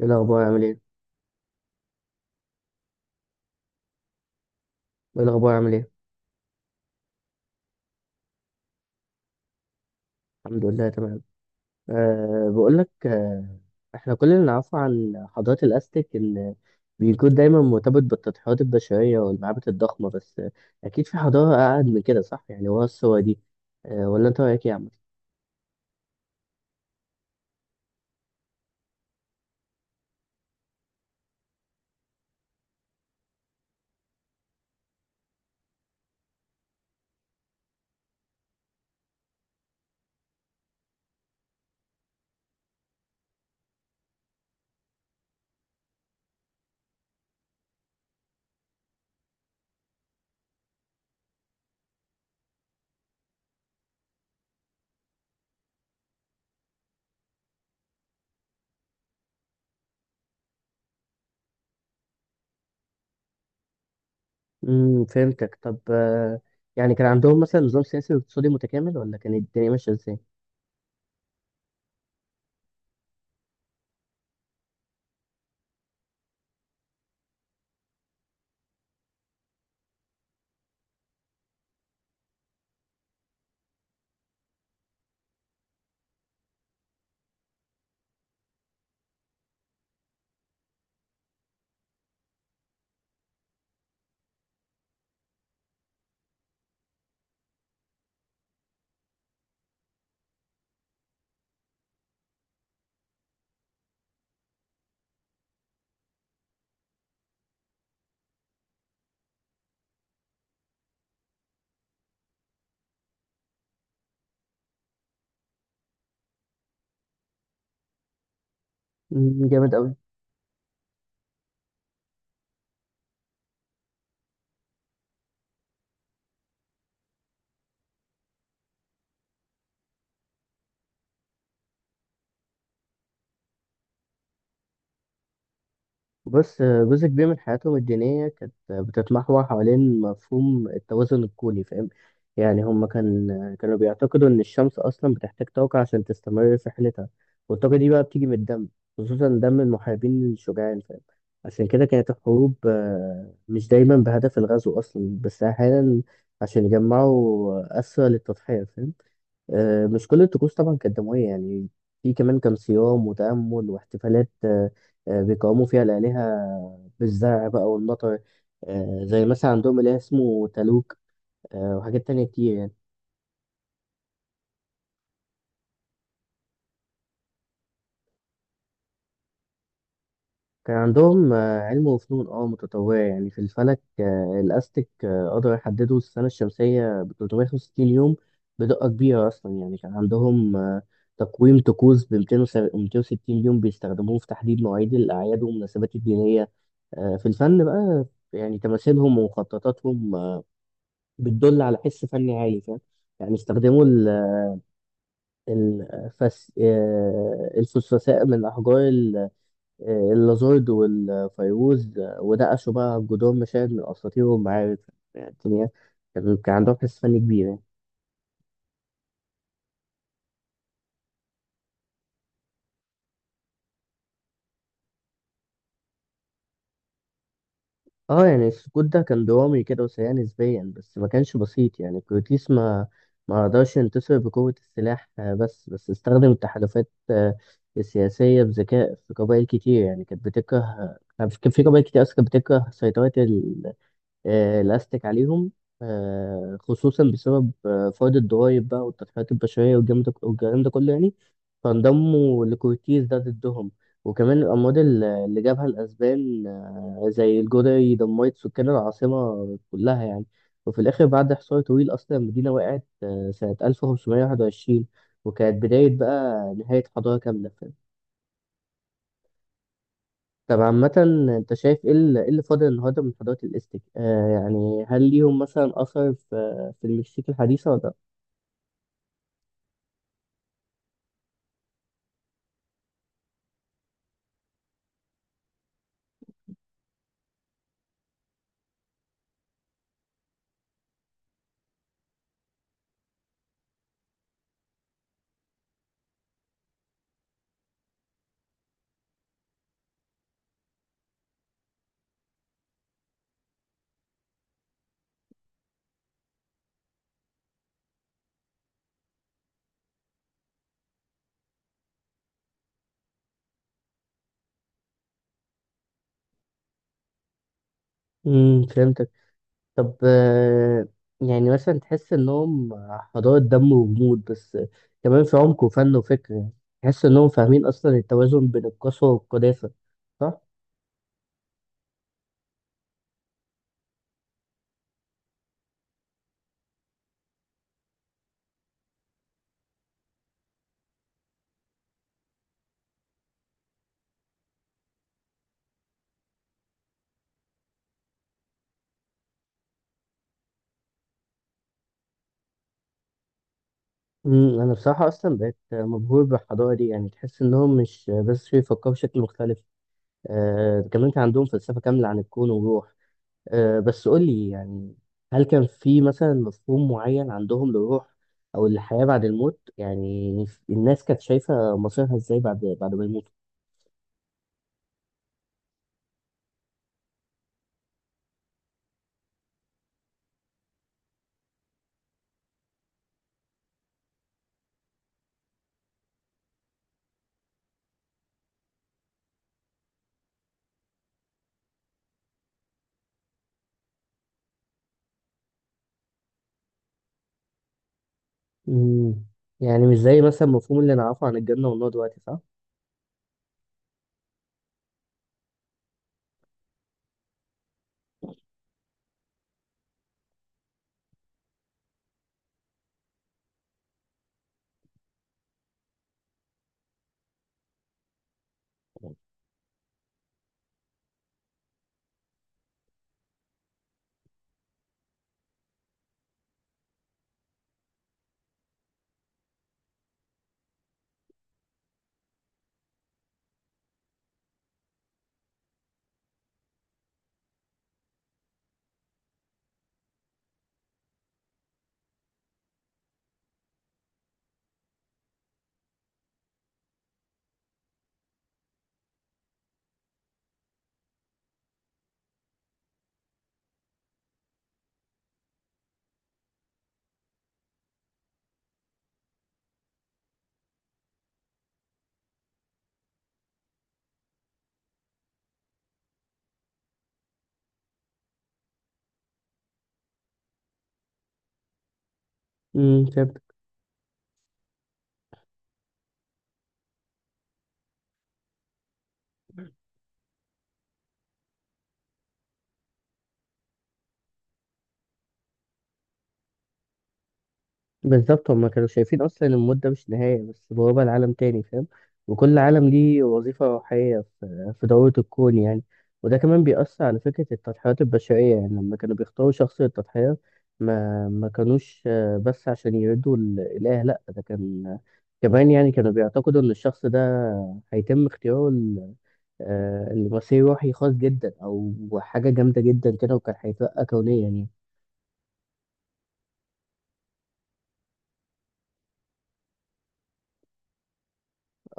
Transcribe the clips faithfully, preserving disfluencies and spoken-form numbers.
ايه الاخبار عامل ايه ايه الاخبار عامل ايه الحمد لله تمام. أه بقول لك. أه احنا كل اللي نعرفه عن حضاره الاستيك ان بيكون دايما مرتبط بالتضحيات البشريه والمعابد الضخمه، بس آه، اكيد في حضاره اقعد من كده، صح؟ يعني ورا الصور دي. أه ولا انت رايك ايه يا عم؟ امم، فهمتك. طب أه يعني كان عندهم مثلا نظام سياسي واقتصادي متكامل، ولا كانت الدنيا ماشيه ازاي؟ امم، جامد قوي. بص، جزء كبير من حياتهم الدينية كانت بتتمحور حوالين مفهوم التوازن الكوني، فاهم؟ يعني هم كان كانوا بيعتقدوا إن الشمس أصلا بتحتاج طاقة عشان تستمر في رحلتها، والطاقة دي بقى بتيجي من الدم، خصوصا دم المحاربين الشجعان، فاهم؟ عشان كده كانت الحروب آه، مش دايما بهدف الغزو أصلا، بس أحيانا عشان يجمعوا أسرى للتضحية، فاهم؟ آه، مش كل الطقوس طبعا كانت دموية يعني، في كمان كان صيام وتأمل واحتفالات آه، آه، بيقوموا فيها الآلهة بالزرع بقى والمطر. آه، زي مثلا عندهم إله اسمه تالوك آه، وحاجات تانية كتير يعني. كان عندهم آه، علم وفنون اه متطورة يعني. في الفلك آه، الأزتك آه، قدروا يحددوا السنة الشمسية ب ثلاثمية وخمسة وستين يوم بدقة كبيرة أصلا. يعني كان عندهم آه، تقويم طقوس ب ميتين وستين يوم بيستخدموه في تحديد مواعيد الأعياد والمناسبات الدينية. آه، في الفن بقى، يعني تماثيلهم ومخططاتهم آه، بتدل على حس فني عالي، فاهم؟ يعني استخدموا ال- الفس... آه، الفسفساء من أحجار ال- آه، اللازورد والفيروز، آه، ونقشوا بقى جدران مشاهد من أساطير ومعارك. يعني الدنيا كان كان عندهم حس فني كبير يعني. اه يعني السكوت ده كان درامي كده وسريع نسبيا، بس ما كانش بسيط يعني. الكورتيس ما ما قدرش ينتصر بقوة السلاح آه، بس بس استخدم التحالفات آه، السياسية بذكاء. في قبائل كتير يعني كانت بتكره، كان في كان في قبائل كتير أصلا كانت بتكره سيطرة ال- آه، الأزتك عليهم، آه، خصوصا بسبب آه، فرض الضرايب بقى والتضحيات البشرية والجرم ده والجرائم ده كله يعني، فانضموا لكورتيز ده ضدهم. وكمان الأمراض اللي اللي جابها الأسبان زي الجدعي دمرت سكان العاصمة كلها يعني. وفي الآخر بعد حصار طويل أصلا المدينة وقعت آه، سنة ألف وخمسمية وواحد وعشرين، وكانت بداية بقى نهاية حضارة كاملة، فاهم؟ طب عامة، أنت شايف إيه ال- إيه اللي فاضل النهاردة من حضارة الإزتك؟ آه يعني هل ليهم مثلا أثر في في المكسيك الحديثة ولا لأ؟ امم، فهمتك. طب آه، يعني مثلا تحس انهم حضارة دم وجمود، بس كمان في عمق وفن وفكر يعني. تحس انهم فاهمين اصلا التوازن بين القسوة والقداسة، صح؟ مم، انا بصراحة اصلا بقيت مبهور بالحضارة دي. يعني تحس انهم مش بس بيفكروا بشكل مختلف، آه، كمان كان عندهم فلسفة كاملة عن الكون والروح. آه، بس قولي يعني، هل كان في مثلا مفهوم معين عندهم للروح او الحياة بعد الموت؟ يعني الناس كانت شايفة مصيرها ازاي بعد بعد ما يموتوا؟ مم. يعني مش زي مثلا المفهوم اللي نعرفه عن الجنة والنار دلوقتي، صح؟ امم، فهمت. بالظبط، هما كانوا شايفين أصلا إن الموت ده مش نهاية، بس بوابة لعالم تاني، فاهم؟ وكل عالم ليه وظيفة روحية في في دورة الكون يعني. وده كمان بيأثر على فكرة التضحيات البشرية. يعني لما كانوا بيختاروا شخص للتضحية، ما ما كانوش آه، بس عشان يردوا الإله، لأ ده كان كمان يعني. كانوا بيعتقدوا إن الشخص ده هيتم اختياره آه، الممثل روحي خاص جدا او حاجه جامده جدا كده، وكان هيترقى كونيا يعني.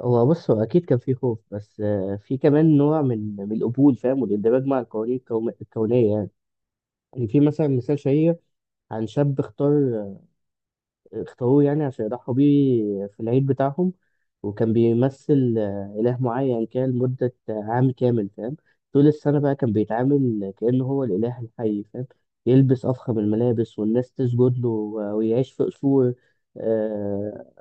هو بص، هو اكيد كان فيه خوف، بس آه، في كمان نوع من من القبول، فاهم؟ والاندماج مع القوانين الكوم- الكونيه يعني. يعني في مثلا مثال شهير عن شاب اختار اختاروه يعني عشان يضحوا بيه في العيد بتاعهم، وكان بيمثل آه، إله معين كده لمدة آه، عام كامل، فاهم؟ طول السنة بقى كان بيتعامل كأنه هو الإله الحي، فاهم؟ يلبس أفخم الملابس والناس تسجد له و- ويعيش في قصور آه،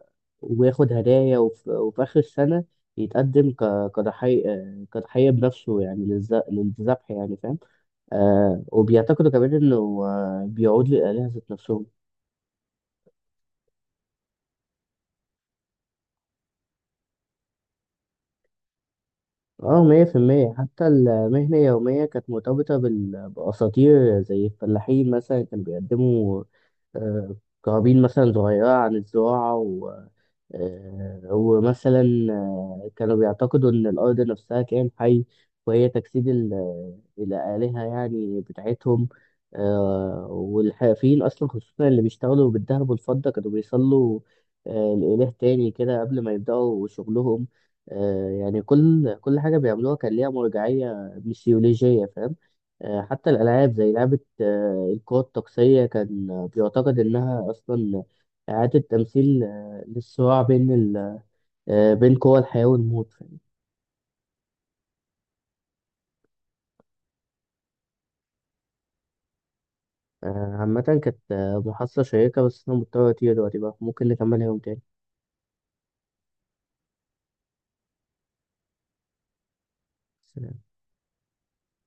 وياخد هدايا، وف- وفي آخر السنة يتقدم ك- كضحية آه، كضحية بنفسه يعني للذ- للذبح يعني، فاهم؟ آه وبيعتقدوا كمان إنه آه، بيعود للآلهة ذات نفسهم. اه مية في المية. حتى المهنة اليومية كانت مرتبطة بال- بأساطير. زي الفلاحين مثلا كانوا بيقدموا آه، قرابين مثلا صغيرة عن الزراعة و آه، ومثلا آه، كانوا بيعتقدوا إن الأرض نفسها كائن حي وهي تجسيد ال- الآلهة يعني بتاعتهم. آه، والحرفيين أصلا خصوصا اللي بيشتغلوا بالذهب والفضة كانوا بيصلوا آه، لإله تاني كده قبل ما يبدأوا شغلهم. آه، يعني كل كل حاجة بيعملوها كان ليها مرجعية ميثولوجية، فاهم؟ آه، حتى الألعاب زي لعبة آه، القوة الطقسية كان آه، بيعتقد إنها أصلا إعادة تمثيل آه، للصراع بين ال... آه، بين قوى الحياة والموت، فاهم؟ آه، عامة كانت آه، محادثة شيقة، بس أنا مضطر أطير دلوقتي بقى، ممكن نكملها يوم تاني. سلام.